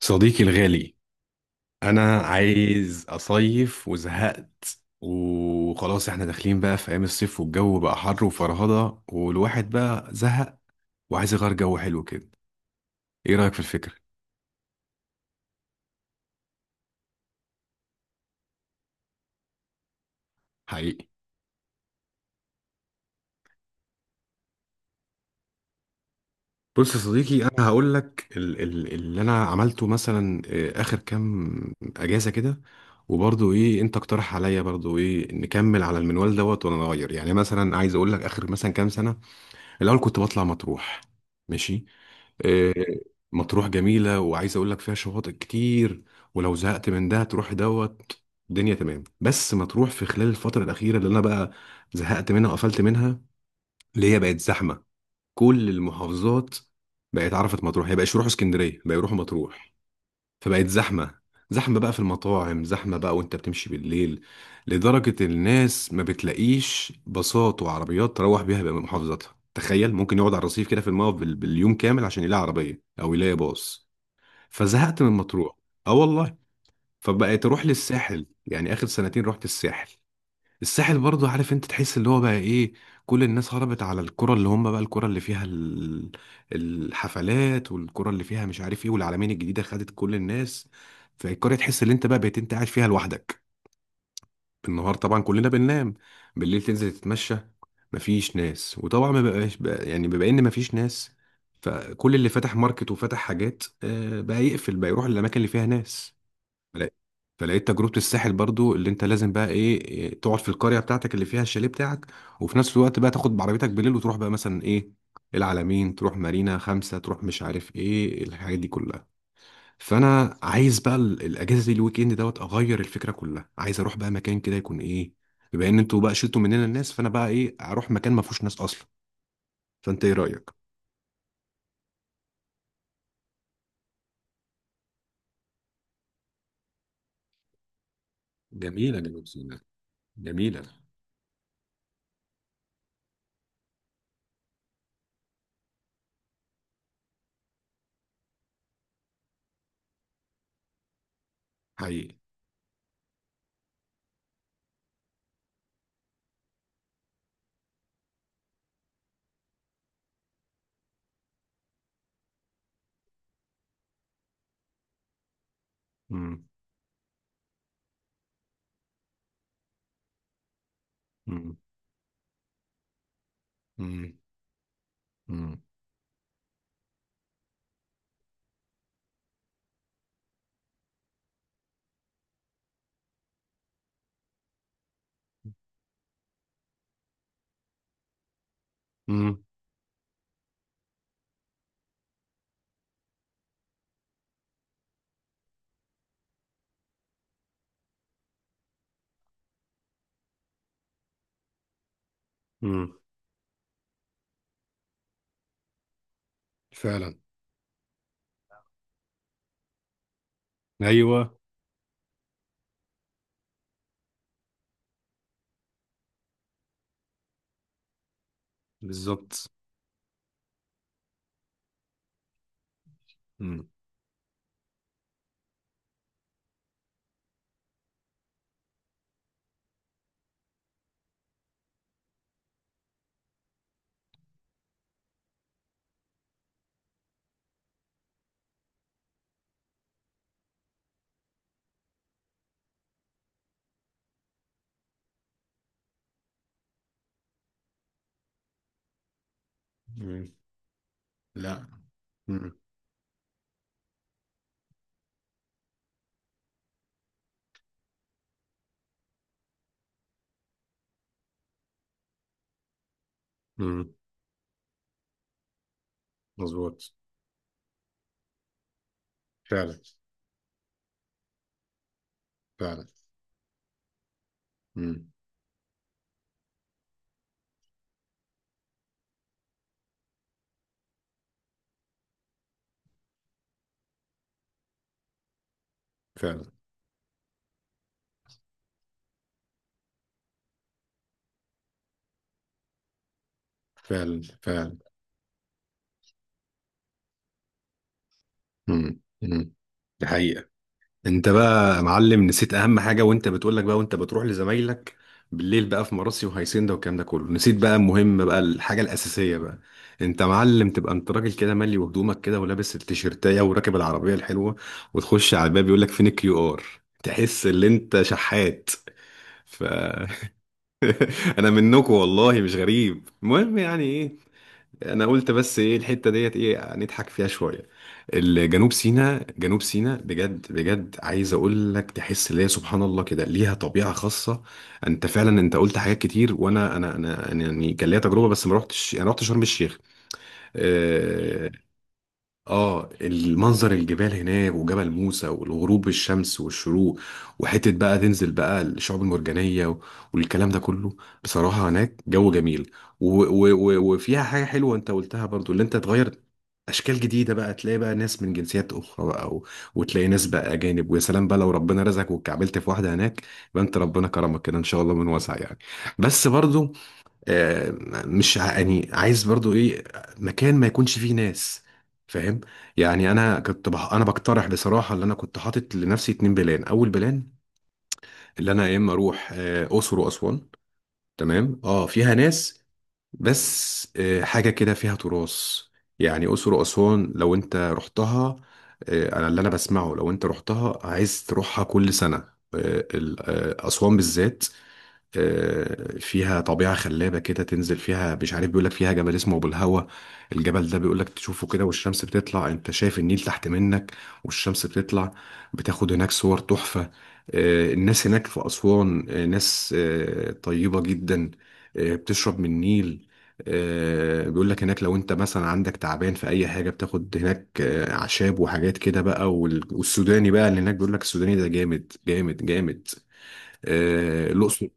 صديقي الغالي، انا عايز اصيف وزهقت وخلاص احنا داخلين بقى في ايام الصيف والجو بقى حر وفرهضة والواحد بقى زهق وعايز يغير جو حلو كده. ايه رأيك في الفكرة؟ حقيقي. بص يا صديقي، انا هقول لك ال ال اللي انا عملته مثلا اخر كام اجازة كده، وبرضه ايه، انت اقترح عليا برضه ايه، نكمل على المنوال دوت ولا نغير؟ يعني مثلا عايز اقول لك اخر مثلا كام سنة الاول كنت بطلع مطروح. ماشي. آه، مطروح جميلة، وعايز أقول لك فيها شواطئ كتير، ولو زهقت من ده تروح دوت. الدنيا تمام، بس مطروح في خلال الفترة الأخيرة اللي أنا بقى زهقت منها وقفلت منها، اللي هي بقت زحمة. كل المحافظات بقت عرفت مطروح، هي بقى يروحوا اسكندرية بقى يروحوا مطروح، فبقت زحمة. زحمة بقى في المطاعم، زحمة بقى وانت بتمشي بالليل، لدرجة الناس ما بتلاقيش باصات وعربيات تروح بيها بقى محافظتها. تخيل ممكن يقعد على الرصيف كده في الموقف باليوم كامل عشان يلاقي عربية أو يلاقي باص. فزهقت من مطروح. اه والله. فبقيت اروح للساحل، يعني آخر سنتين رحت الساحل. الساحل برضو عارف انت تحس اللي هو بقى ايه، كل الناس هربت على الكرة اللي هم بقى الكرة اللي فيها الحفلات، والكرة اللي فيها مش عارف ايه، والعلمين الجديدة خدت كل الناس. فالقرية تحس ان انت بقى بقيت انت قاعد فيها لوحدك. النهار طبعا كلنا بننام، بالليل تنزل تتمشى مفيش ناس. وطبعا ما بقاش بقى يعني، بما ان مفيش ناس، فكل اللي فتح ماركت وفتح حاجات بقى يقفل بقى يروح للاماكن اللي فيها ناس. فلا- فلقيت تجربة الساحل برضو اللي انت لازم بقى ايه تقعد في القرية بتاعتك اللي فيها الشاليه بتاعك، وفي نفس الوقت بقى تاخد بعربيتك بالليل وتروح بقى مثلا ايه، العلمين، تروح مارينا خمسة، تروح مش عارف ايه الحاجات دي كلها. فانا عايز بقى الاجازة دي الويك اند دوت اغير الفكرة كلها. عايز اروح بقى مكان كده يكون ايه، بما ان انتوا بقى شلتوا مننا الناس، فانا بقى ايه اروح مكان ما فيهوش ناس اصلا. فانت ايه رأيك؟ جميلة جنوب سيناء، جميلة. حقيقي. مم. مم. مم. مم. مم. مم. فعلا. ايوه. بالظبط. مم. مم. لا. مم. مم. مظبوط. فعلا. فعلا. مم. فعلا. فعلا. فعلا. مم. مم. دي حقيقة. انت بقى يا معلم نسيت اهم حاجه وانت بتقولك بقى وانت بتروح لزمايلك بالليل بقى في مراسي وهيسندا والكلام ده كله، نسيت بقى المهم بقى الحاجه الاساسيه بقى. انت معلم، تبقى انت راجل كده مالي وهدومك كده ولابس التيشيرتايه وراكب العربيه الحلوه، وتخش على الباب يقولك فين الكيو ار. تحس ان انت شحات. ف انا منكم والله مش غريب. المهم يعني ايه، انا قلت بس ايه الحته ديت ايه نضحك فيها شويه. الجنوب سيناء، جنوب سيناء بجد بجد، عايز اقول لك تحس اللي هي سبحان الله كده ليها طبيعه خاصه. انت فعلا انت قلت حاجات كتير، وانا انا انا أنا يعني كان ليا تجربه بس ما رحتش، انا رحت شرم الشيخ. آه، اه المنظر الجبال هناك وجبل موسى والغروب الشمس والشروق، وحتة بقى تنزل بقى الشعاب المرجانية والكلام ده كله. بصراحة هناك جو جميل، و وفيها حاجة حلوة انت قلتها برضو اللي انت تغير اشكال جديدة بقى، تلاقي بقى ناس من جنسيات اخرى بقى وتلاقي ناس بقى اجانب. ويا سلام بقى لو ربنا رزقك واتكعبلت في واحدة هناك يبقى انت ربنا كرمك كده، ان شاء الله من واسع يعني. بس برضو آه، مش ع- يعني عايز برضو ايه، مكان ما يكونش فيه ناس. فاهم؟ يعني انا كنت انا بقترح بصراحه اللي انا كنت حاطط لنفسي اتنين بلان. اول بلان اللي انا يا اما اروح اقصر واسوان. تمام اه فيها ناس، بس حاجه كده فيها تراث. يعني اقصر واسوان لو انت رحتها انا اللي انا بسمعه لو انت رحتها عايز تروحها كل سنه. اسوان بالذات، فيها طبيعة خلابة كده تنزل فيها. مش عارف بيقولك فيها جبل اسمه أبو الهوى، الجبل ده بيقولك تشوفه كده والشمس بتطلع، أنت شايف النيل تحت منك والشمس بتطلع، بتاخد هناك صور تحفة. الناس هناك في أسوان ناس طيبة جدا، بتشرب من النيل. بيقولك هناك لو أنت مثلا عندك تعبان في أي حاجة بتاخد هناك أعشاب وحاجات كده بقى. والسوداني بقى اللي هناك بيقولك السوداني ده جامد جامد. الأقصر.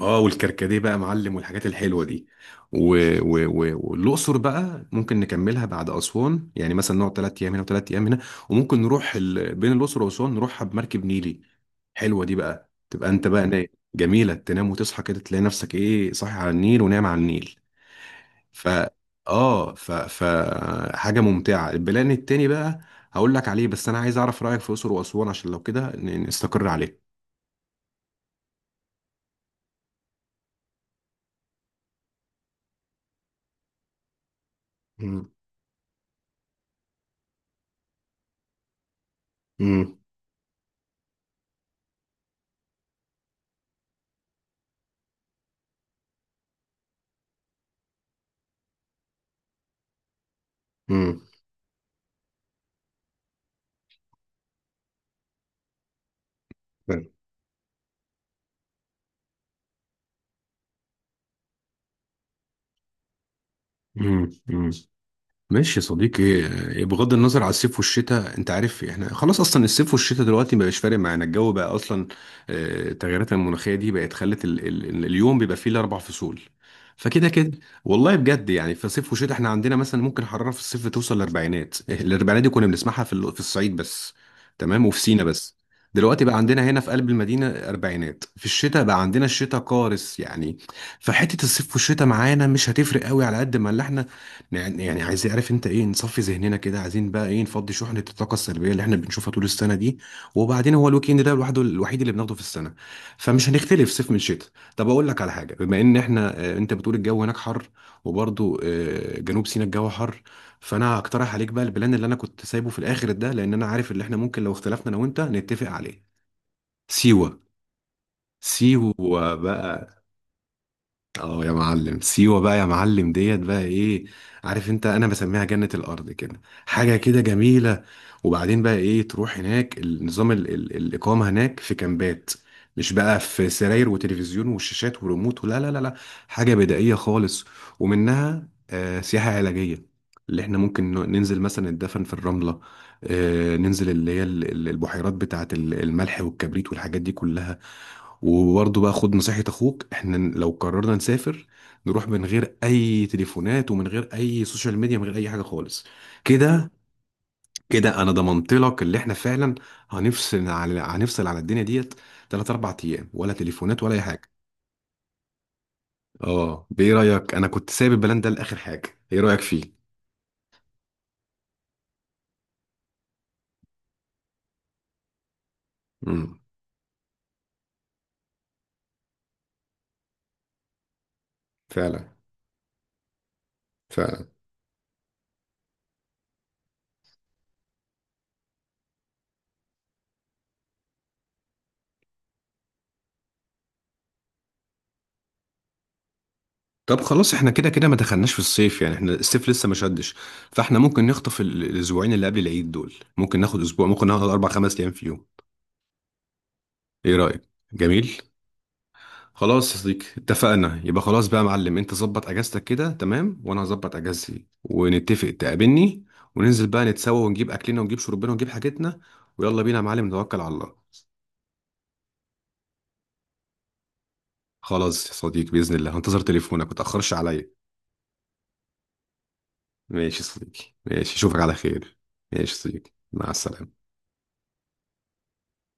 اه والكركديه بقى معلم والحاجات الحلوه دي، و... والاقصر بقى ممكن نكملها بعد اسوان، يعني مثلا نقعد ثلاث ايام هنا وثلاث ايام هنا. وممكن نروح بين الاقصر واسوان نروحها بمركب نيلي. حلوه دي بقى، تبقى انت بقى نايم. جميله، تنام وتصحى كده تلاقي نفسك ايه صاحي على النيل ونايم على النيل. ف اه ف... ف حاجه ممتعه. البلان التاني بقى هقول لك عليه، بس انا عايز اعرف رايك في الاقصر واسوان عشان لو كده نستقر عليه. امم. امم. امم. ماشي يا صديقي. بغض النظر على الصيف والشتاء، انت عارف احنا خلاص اصلا الصيف والشتاء دلوقتي مبقاش فارق معانا، الجو بقى اصلا التغيرات المناخيه دي بقت خلت ال ال اليوم بيبقى فيه الاربع فصول فكده كده. والله بجد يعني في صيف وشتاء، احنا عندنا مثلا ممكن حراره في الصيف توصل للاربعينات. الاربعينات دي كنا بنسمعها في الصعيد بس، تمام، وفي سينا بس. دلوقتي بقى عندنا هنا في قلب المدينه اربعينات، في الشتاء بقى عندنا الشتاء قارس يعني. فحته الصيف والشتاء معانا مش هتفرق قوي على قد ما اللي احنا يعني عايز يعرف انت ايه، نصفي ذهننا كده، عايزين بقى ايه، نفضي شحنة الطاقة السلبية اللي احنا بنشوفها طول السنة دي. وبعدين هو الويك اند ده لوحده الوحيد اللي بناخده في السنة، فمش هنختلف صيف من شتاء. طب اقول لك على حاجة، بما ان احنا اه، انت بتقول الجو هناك حر، وبرضه اه، جنوب سيناء الجو حر، فانا هقترح عليك بقى البلان اللي انا كنت سايبه في الاخر ده، لان انا عارف ان احنا ممكن لو اختلفنا انا وانت نتفق عليه. سيوة. سيوة بقى. اه يا معلم سيوة، بقى يا معلم ديت بقى ايه. عارف انت انا بسميها جنة الارض، كده حاجة كده جميلة. وبعدين بقى ايه تروح هناك، النظام ال ال الاقامة هناك في كامبات، مش بقى في سراير وتلفزيون وشاشات وريموت، ولا لا. حاجة بدائية خالص. ومنها آه سياحة علاجية، اللي احنا ممكن ننزل مثلا الدفن في الرملة، آه ننزل اللي هي البحيرات بتاعة الملح والكبريت والحاجات دي كلها. وبرضه بقى خد نصيحة اخوك، احنا لو قررنا نسافر نروح من غير اي تليفونات ومن غير اي سوشيال ميديا، من غير اي حاجة خالص كده. كده انا ضمنت لك اللي احنا فعلا هنفصل على الدنيا ديت، تلات اربع ايام ولا تليفونات ولا اي حاجة. اه، بايه رأيك؟ انا كنت سايب البلان ده لاخر حاجة، ايه رأيك فيه؟ امم. فعلا. فعلا. طب خلاص، احنا كده كده ما دخلناش في الصيف، يعني احنا الصيف لسه ما شدش، فاحنا ممكن نخطف الاسبوعين اللي قبل العيد دول، ممكن ناخد اسبوع، ممكن ناخد اربع خمس ايام في يوم. ايه رأيك؟ جميل. خلاص يا صديقي اتفقنا، يبقى خلاص بقى يا معلم انت ظبط اجازتك كده تمام، وانا هظبط اجازتي ونتفق، تقابلني وننزل بقى نتسوى ونجيب اكلنا ونجيب شربنا ونجيب حاجتنا، ويلا بينا يا معلم نتوكل على الله. خلاص يا صديقي، بإذن الله هنتظر تليفونك متأخرش عليا. ماشي يا صديقي، ماشي اشوفك على خير. ماشي يا صديقي، مع السلامة.